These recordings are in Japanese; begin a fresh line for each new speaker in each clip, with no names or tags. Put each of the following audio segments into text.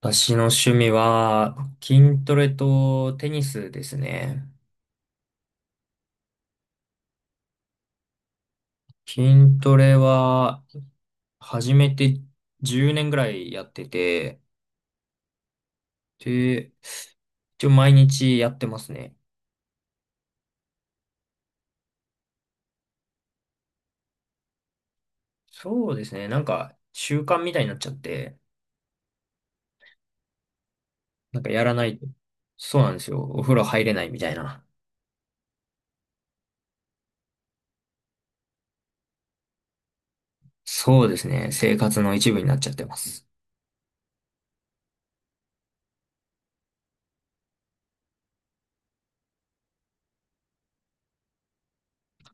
私の趣味は筋トレとテニスですね。筋トレは始めて10年ぐらいやってて、で、一応毎日やってますね。そうですね。なんか習慣みたいになっちゃって、なんかやらないと。そうなんですよ。お風呂入れないみたいな。そうですね。生活の一部になっちゃってます。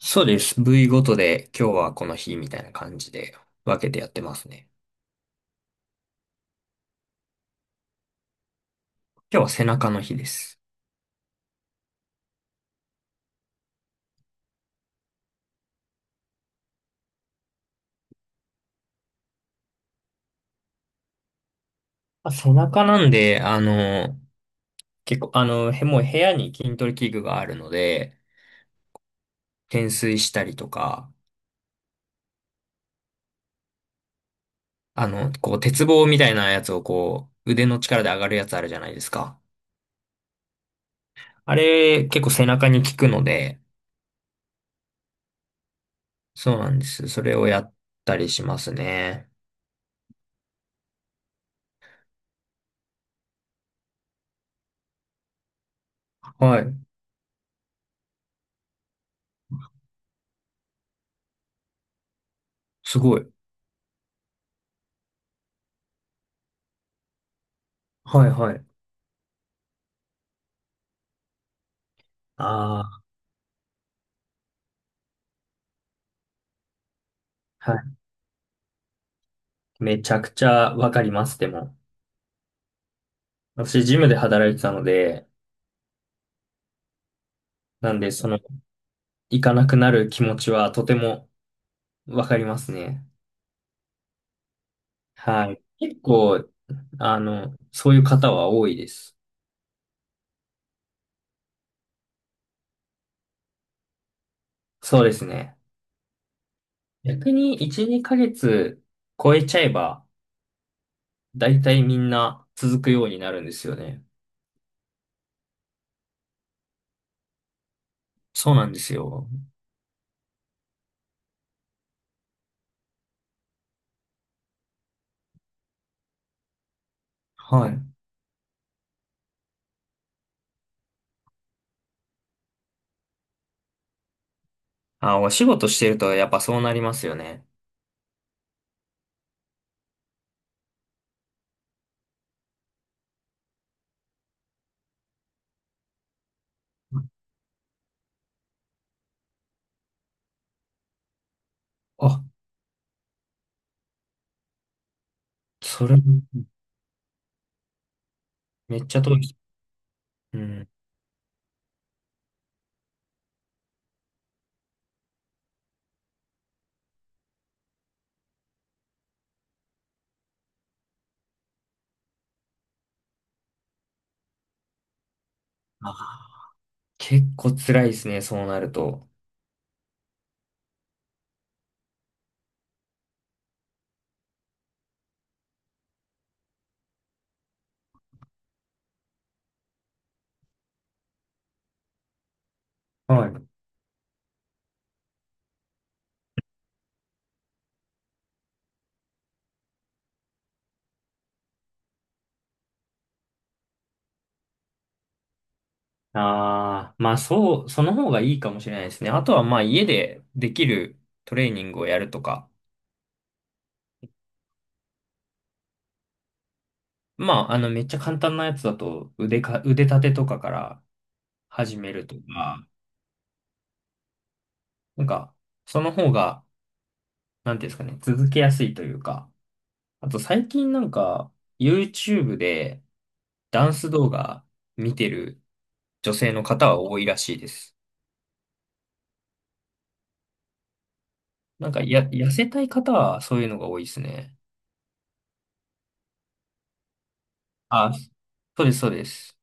そうです。部位ごとで今日はこの日みたいな感じで分けてやってますね。今日は背中の日です。まあ、背中なんで、結構、もう部屋に筋トレ器具があるので、懸垂したりとか、こう、鉄棒みたいなやつをこう、腕の力で上がるやつあるじゃないですか。あれ、結構背中に効くので、そうなんです。それをやったりしますね。はい。すごい。はいはい。ああ、はい。めちゃくちゃわかります、でも。私、ジムで働いてたので、なんで、その、行かなくなる気持ちはとてもわかりますね。はい。結構、そういう方は多いです。そうですね。逆に1、2ヶ月超えちゃえば、だいたいみんな続くようになるんですよね。そうなんですよ。はい。あ、お仕事してるとやっぱそうなりますよね。あ、それ、めっちゃ遠い。うん。あ、結構辛いですね、そうなると。はい。ああ、まあそう、その方がいいかもしれないですね。あとはまあ家でできるトレーニングをやるとか。まあ、めっちゃ簡単なやつだと、腕立てとかから始めるとか、なんか、その方が、なんていうんですかね、続けやすいというか、あと最近なんか、YouTube でダンス動画見てる女性の方は多いらしいです。痩せたい方はそういうのが多いですね。あ、そうです、そうです。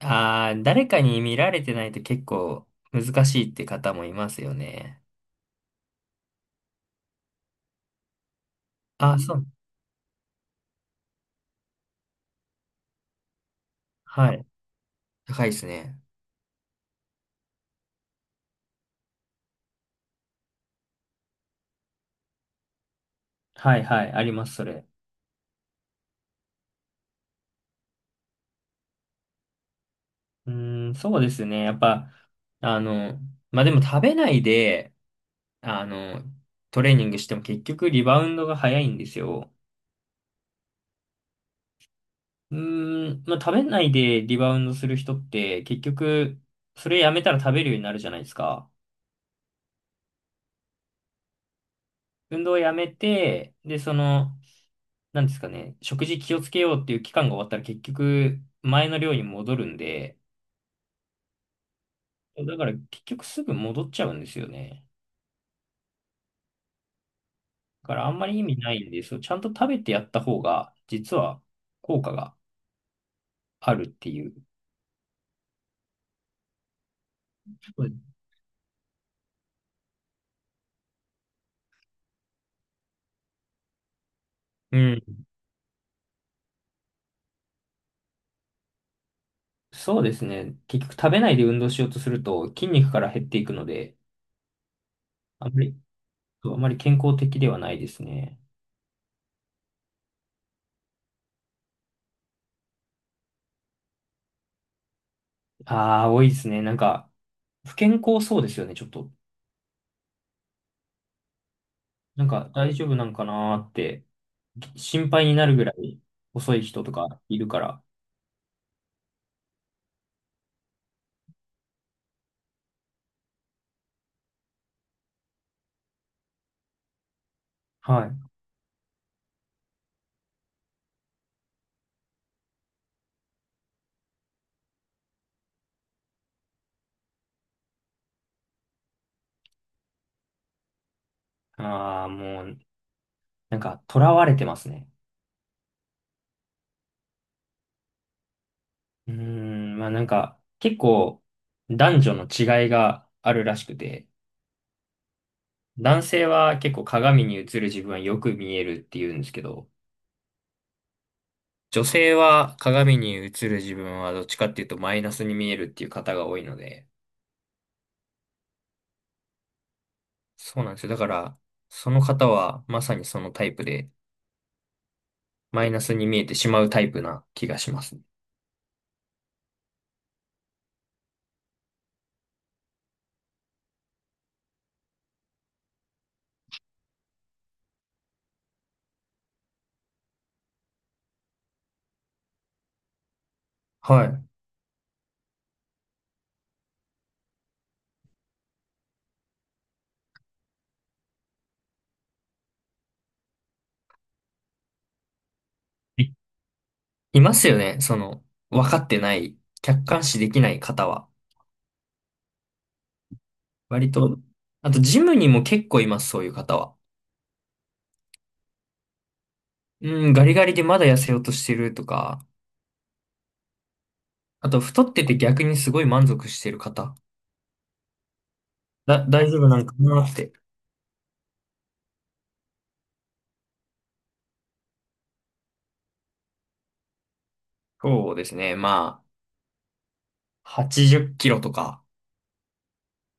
ああ、誰かに見られてないと結構難しいって方もいますよね。あ、そう。はい。高いですね。はいはい、あります、それ。うーん、そうですね。やっぱ、あの、まあ、でも食べないで、あの、トレーニングしても結局リバウンドが早いんですよ。うーん、まあ、食べないでリバウンドする人って結局、それやめたら食べるようになるじゃないですか。運動をやめて、で、その、なんですかね、食事気をつけようっていう期間が終わったら結局、前の量に戻るんで、だから結局すぐ戻っちゃうんですよね。だからあんまり意味ないんですよ。ちゃんと食べてやった方が、実は効果があるっていう。そうですうん。そうですね。結局食べないで運動しようとすると筋肉から減っていくので、あんまり、そうあまり健康的ではないですね。ああ、多いですね。なんか、不健康そうですよね、ちょっと。なんか大丈夫なんかなーって心配になるぐらい遅い人とかいるから。はい。ああ、もう、なんか囚われてますね。うーん、まあなんか結構男女の違いがあるらしくて、男性は結構鏡に映る自分はよく見えるって言うんですけど、女性は鏡に映る自分はどっちかっていうとマイナスに見えるっていう方が多いので、そうなんですよ。だから、その方はまさにそのタイプで、マイナスに見えてしまうタイプな気がします。はい。いますよね。その、分かってない、客観視できない方は。割と、あとジムにも結構います、そういう方は。うん、ガリガリでまだ痩せようとしてるとか、あと太ってて逆にすごい満足してる方、大丈夫なんかなって。そうですね。まあ、80キロとか、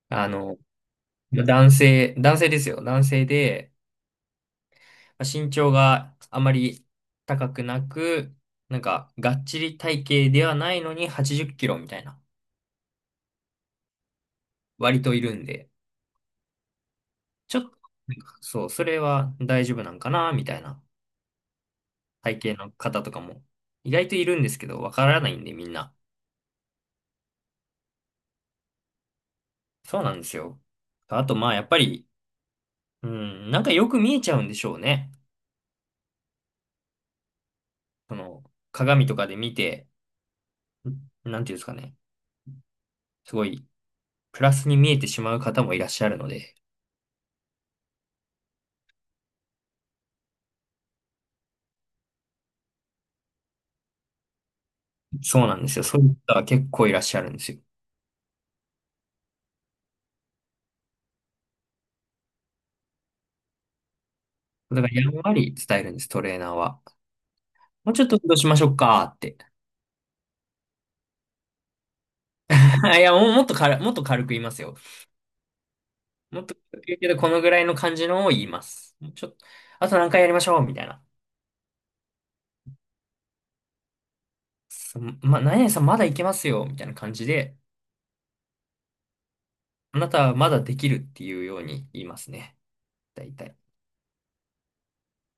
あの、男性ですよ。男性で、まあ身長があまり高くなく、なんか、がっちり体型ではないのに80キロみたいな、割といるんで、ちょっと、なんかそう、それは大丈夫なんかな、みたいな体型の方とかも、意外といるんですけど、わからないんで、みんな。そうなんですよ。あと、まあ、やっぱり、うん、なんかよく見えちゃうんでしょうね。その、鏡とかで見て、んなんていうんですかね。すごい、プラスに見えてしまう方もいらっしゃるので、そうなんですよ。そういう方は結構いらっしゃるんですよ。だから、やんわり伝えるんです、トレーナーは。もうちょっと運動しましょうかって。いや、もっと軽く言いますよ。もっと軽く言うけど、このぐらいの感じのを言います。もうちょっと、あと何回やりましょうみたいな。そま、何々さんまだいけますよみたいな感じで、あなたはまだできるっていうように言いますね。大体。